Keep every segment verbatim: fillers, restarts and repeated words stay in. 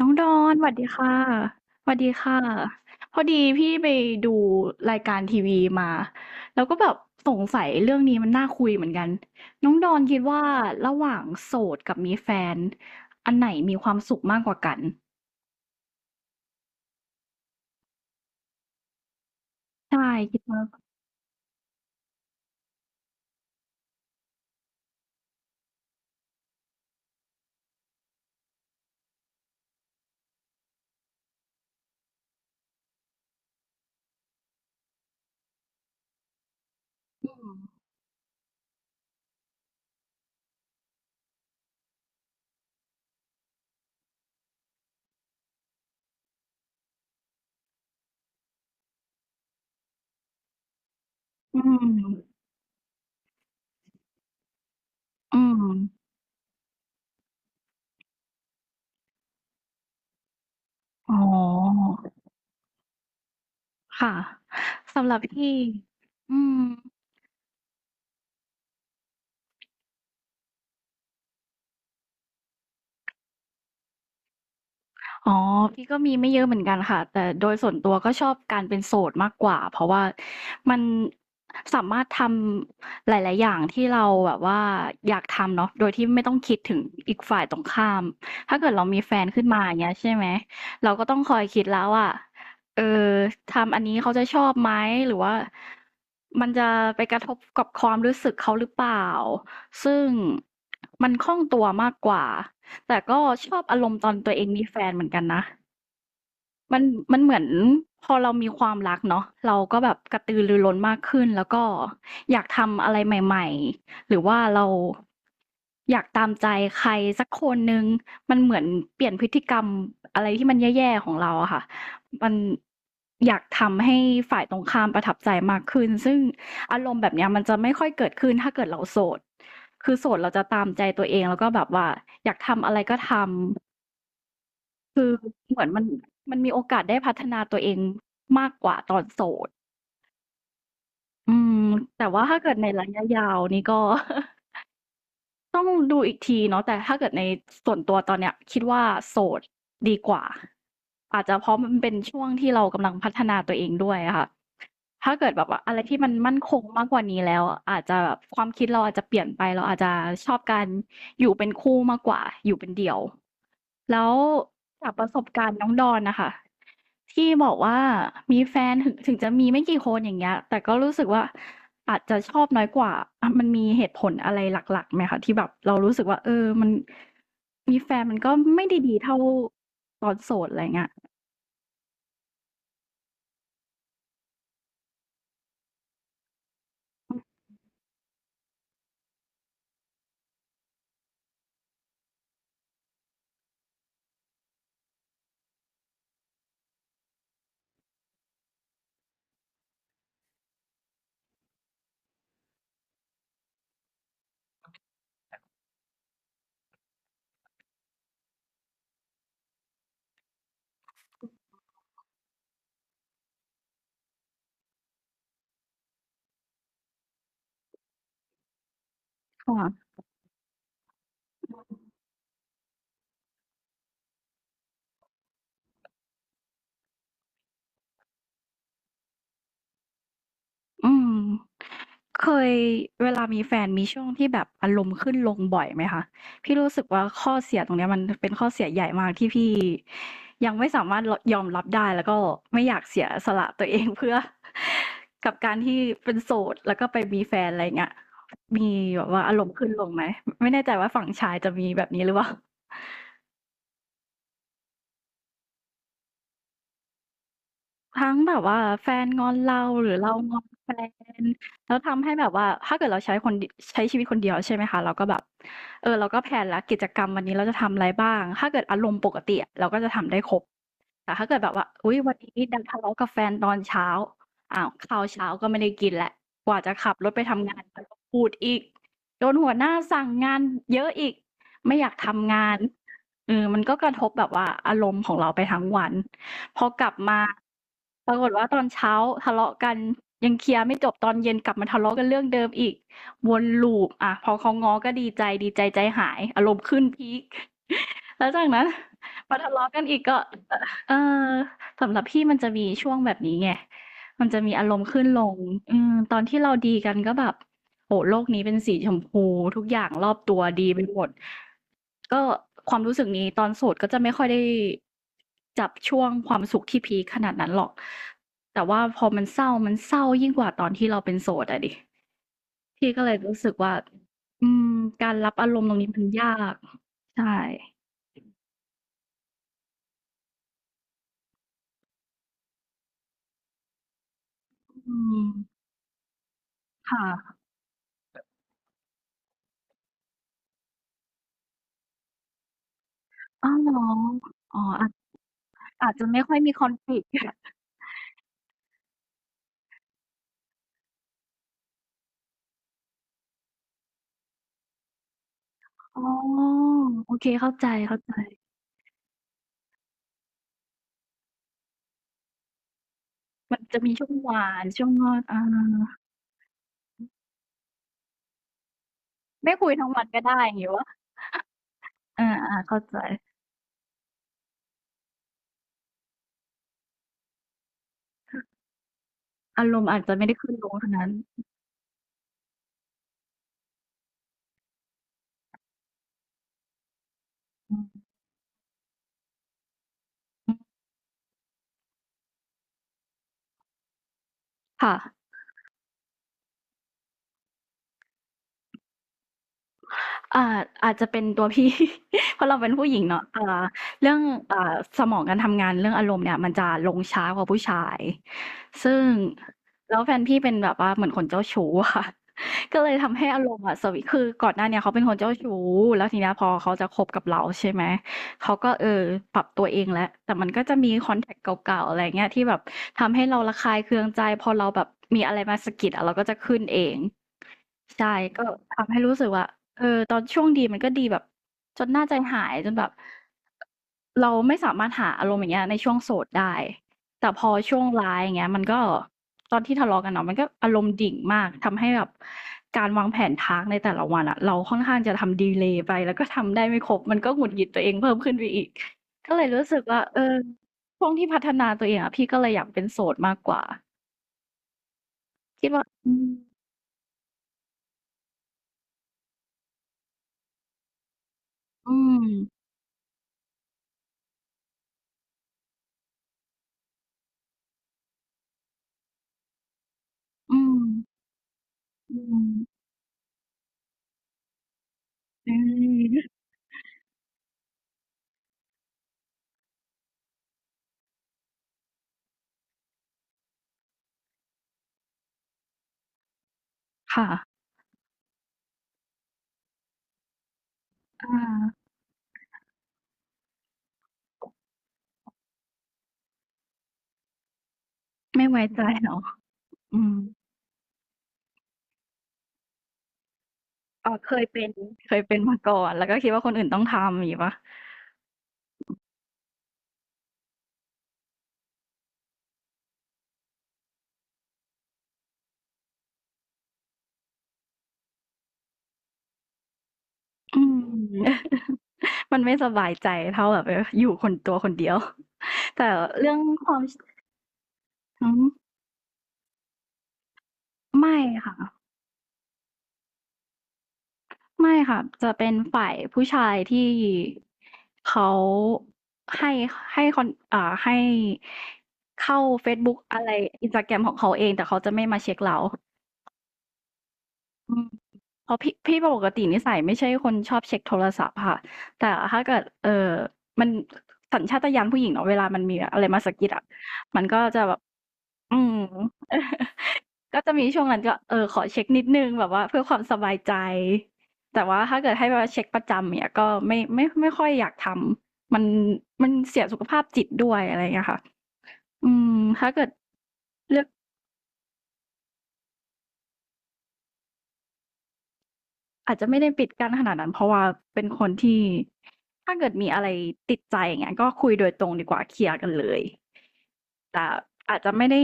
น้องดอนสวัสดีค่ะสวัสดีค่ะพอดีพี่ไปดูรายการทีวีมาแล้วก็แบบสงสัยเรื่องนี้มันน่าคุยเหมือนกันน้องดอนคิดว่าระหว่างโสดกับมีแฟนอันไหนมีความสุขมากกว่ากันใช่คิดว่าอืมอืมอืมอ๋อค่ะสำหรับพี่อืม อ๋อพี่ก็มีไม่เยอะเหมือนกันค่ะแต่โดยส่วนตัวก็ชอบการเป็นโสดมากกว่าเพราะว่ามันสามารถทำหลายๆอย่างที่เราแบบว่าอยากทำเนาะโดยที่ไม่ต้องคิดถึงอีกฝ่ายตรงข้ามถ้าเกิดเรามีแฟนขึ้นมาอย่างเงี้ยใช่ไหมเราก็ต้องคอยคิดแล้วว่าเออทำอันนี้เขาจะชอบไหมหรือว่ามันจะไปกระทบกับความรู้สึกเขาหรือเปล่าซึ่งมันคล่องตัวมากกว่า แต่ก็ชอบอารมณ์ตอนตัวเองมีแฟนเหมือนกันนะ มันมันเหมือนพอเรามีความรักเนาะเราก็แบบกระตือรือร้นมากขึ้นแล้วก็อยากทำอะไรใหม่ๆหรือว่าเราอยากตามใจใครสักคนหนึ่งมันเหมือนเปลี่ยนพฤติกรรมอะไรที่มันแย่ๆของเราอะค่ะมันอยากทำให้ฝ่ายตรงข้ามประทับใจมากขึ้นซึ่งอารมณ์แบบเนี้ยมันจะไม่ค่อยเกิดขึ้นถ้าเกิดเราโสดคือโสดเราจะตามใจตัวเองแล้วก็แบบว่าอยากทำอะไรก็ทำ คือเหมือนมันมันมีโอกาสได้พัฒนาตัวเองมากกว่าตอนโสดอืมแต่ว่าถ้าเกิดในระยะยาวนี่ก็ ต้องดูอีกทีเนาะแต่ถ้าเกิดในส่วนตัวตอนเนี้ยคิดว่าโสดดีกว่าอาจจะเพราะมันเป็นช่วงที่เรากำลังพัฒนาตัวเองด้วยอะค่ะถ้าเกิดแบบว่าอะไรที่มันมั่นคงมากกว่านี้แล้วอาจจะแบบความคิดเราอาจจะเปลี่ยนไปเราอาจจะชอบการอยู่เป็นคู่มากกว่าอยู่เป็นเดี่ยว แล้วจากประสบการณ์น้องดอนน่ะค่ะที่บอกว่ามีแฟนถึงถึงจะมีไม่กี่คนอย่างเงี้ยแต่ก็รู้สึกว่าอาจจะชอบน้อยกว่าอามันมีเหตุผลอะไรหลักๆไหมคะที่แบบเรารู้สึกว่าเออมันมีแฟนมันก็ไม่ได้ดีเท่าตอนโสดอะไรเงี้ยค่ะ อืมเคยเวลามีแฟนมีช่วงที่แบบอารมณ์ขึ้นลงบ่อยไหมคะพี่รู้สึกว่าข้อเสียตรงเนี้ยมันเป็นข้อเสียใหญ่มากที่พี่ยังไม่สามารถรยอมรับได้แล้วก็ไม่อยากเสียสละตัวเองเพื่อ กับการที่เป็นโสดแล้วก็ไปมีแฟนอะไรอย่างเงี้ยมีแบบว่าอารมณ์ขึ้นลงไหมไม่แน่ใจว่าฝั่งชายจะมีแบบนี้หรือเปล่า ทั้งแบบว่าแฟนงอนเราหรือเรางอนแฟนแล้วทำให้แบบว่าถ้าเกิดเราใช้คนดใช้ชีวิตคนเดียวใช่ไหมคะเราก็แบบเออเราก็แพลนแล้วกิจกรรมวันนี้เราจะทำอะไรบ้างถ้าเกิดอารมณ์ปกติอะเราก็จะทำได้ครบแต่ถ้าเกิดแบบว่าอุ๊ยวันนี้ดันทะเลาะกับแฟนตอนเช้าอ้าวข้าวเช้าก็ไม่ได้กินแล้วกว่าจะขับรถไปทำงานก็ต้องพูดอีกโดนหัวหน้าสั่งงานเยอะอีกไม่อยากทำงานเออมันก็กระทบแบบว่าอารมณ์ของเราไปทั้งวัน พอกลับมาปรากฏว่าตอนเช้าทะเลาะกันยังเคลียร์ไม่จบตอนเย็นกลับมาทะเลาะกันเรื่องเดิมอีกวนลูปอะพอเขาง้อก็ดีใจดีใจใจหายอารมณ์ขึ้นพีค แล้วจากนั้นมาทะเลาะกันอีกก็เออสำหรับพี่มันจะมีช่วงแบบนี้ไงมันจะมีอารมณ์ขึ้นลงอืมตอนที่เราดีกันก็แบบ โอ้โฮโลกนี้เป็นสีชมพูทุกอย่างรอบตัวดีไปหมดก็ความรู้สึกนี้ตอนโสดก็จะไม่ค่อยได้จับช่วงความสุขที่พีกขนาดนั้นหรอกแต่ว่าพอมันเศร้ามันเศร้ายิ่งกว่าตอนที่เราเป็นโสดอะดิพี่ก็เลยรู้สึกว่าอืมการรับอารมณ์ตรงนี้มันยากใช่อืมค่ะอ้าวเหรออ๋ออาจอาจจะไม่ค่อยมี conflict อ๋อโอเคเข้าใจๆมันจะมีช่วงหวานช่วงงอนอา ไม่คุยทั้งวันก็ได้อย่างงี้วะ่าอาๆเข้าใจอารมณ์อาจจะไม่ได้ขึ้นลงเท่านั้นอืมค่ะ อ่าอาจจะเป็นตัวพี่ เพราะเราเป็นผู้หญิงเนาะอ่าเรื่องอ่าสมองการทำงานเรื่องอารมณ์เนี่ยมันจะลงช้ากว่าผู้ชายซึ่งแล้วแฟนพี่เป็นแบบว่าเหมือนคนเจ้าชู้อะค่ะ ก็เลยทำให้อารมณ์อะสวิตช์คือก่อนหน้าเนี่ยเขาเป็นคนเจ้าชู้แล้วทีเนี้ยพอเขาจะคบกับเราใช่ไหมเขาก็เออปรับตัวเองแล้วแต่มันก็จะมีคอนแทคเก่าๆอะไรเงี้ยที่แบบทำให้เราระคายเคืองใจพอเราแบบมีอะไรมาสะกิดอะเราก็จะขึ้นเอง ใช่ก็ทำให้รู้สึกว่าเออตอนช่วงดีมันก็ดีแบบจนน่าใจหายจนแบบเราไม่สามารถหาอารมณ์อย่างเงี้ยในช่วงโสดได้แต่พอช่วงร้ายอย่างเงี้ยมันก็ตอนที่ทะเลาะกันเนาะมันก็อารมณ์ดิ่งมากทำให้แบบการวางแผน task ในแต่ละวันอะเราค่อนข้างจะทำดีเลย์ไปแล้วก็ทำได้ไม่ครบมันก็หงุดหงิดตัวเองเพิ่มขึ้นไปอีกก็เลยรู้สึกว่าเออช่วงที่พัฒนาตัวเองอะพี่ก็เลยอยากเป็นโสดมากกว่าคิดว่าอืมอืมอืมอืม อืมค่ะอาไม่ไว้ใจเนาะอืมอ๋อเคยเป็นเคยเป็นมาก่อน แล้วก็คิดว่าคนอื่นต้องทำอย่างงี้เปล่าอืม มันไม่สบายใจเท่าแบบเอออยู่คนตัวคนเดียว แต่เรื่องความชอือฮึไม่ค่ะไม่ค่ะ จะเป็นฝ่ายผู้ชายที่เขาให้ให้คอนอ่าให้เข้าเฟซบุ๊กอะไร ไอ จี ของเขาเอง แต่เขาจะไม่มาเช็กเราอืม เพราะพี่พี่ปกตินิสัยไม่ใช่คนชอบเช็คโทรศัพท์ค่ะแต่ถ้าเกิดเออมันสัญชาตญาณผู้หญิงเนาะเวลามันมีอะไรมาสะกิดอะมันก็จะแบบอืม ก็จะมีช่วงนั้นก็เออขอเช็คนิดนึงแบบว่าเพื่อความสบายใจแต่ว่าถ้าเกิดให้มาเช็คประจำเนี้ยก็ไม่ไม่ไม่ค่อยอยากทำมันมันเสียสุขภาพจิตด้วยอะไรอย่างเงี้ยค่ะอืมถ้าเกิดเลือก อาจจะไม่ได้ปิดกั้นขนาดนั้นเพราะว่าเป็นคนที่ถ้าเกิดมีอะไรติดใจอย่างเงี้ยก็คุยโดยตรงดีกว่าเคลียร์กันเลยแต่อาจจะไม่ได้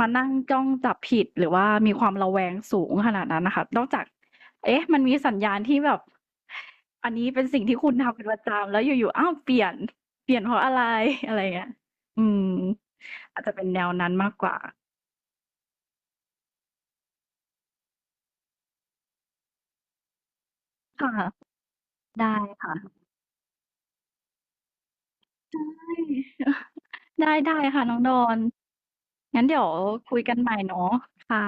มานั่งจ้องจับผิดหรือว่ามีความระแวงสูงขนาดนั้นน่ะค่ะนอกจากเอ๊ะมันมีสัญญาณที่แบบอันนี้เป็นสิ่งที่คุณทำเป็นประจำแล้วอยู่ๆอ้าวเปลี่ยนเปลี่ยนเพราะอะไรอะไรอย่างเงี้ยอืมอาจจะเป็นแนวนั้นมากกว่าค่ะได้ค่ะใช่ ได้ได้ค่ะน้องดอน งั้นเดี๋ยวคุยกันใหม่เนาะค่ะ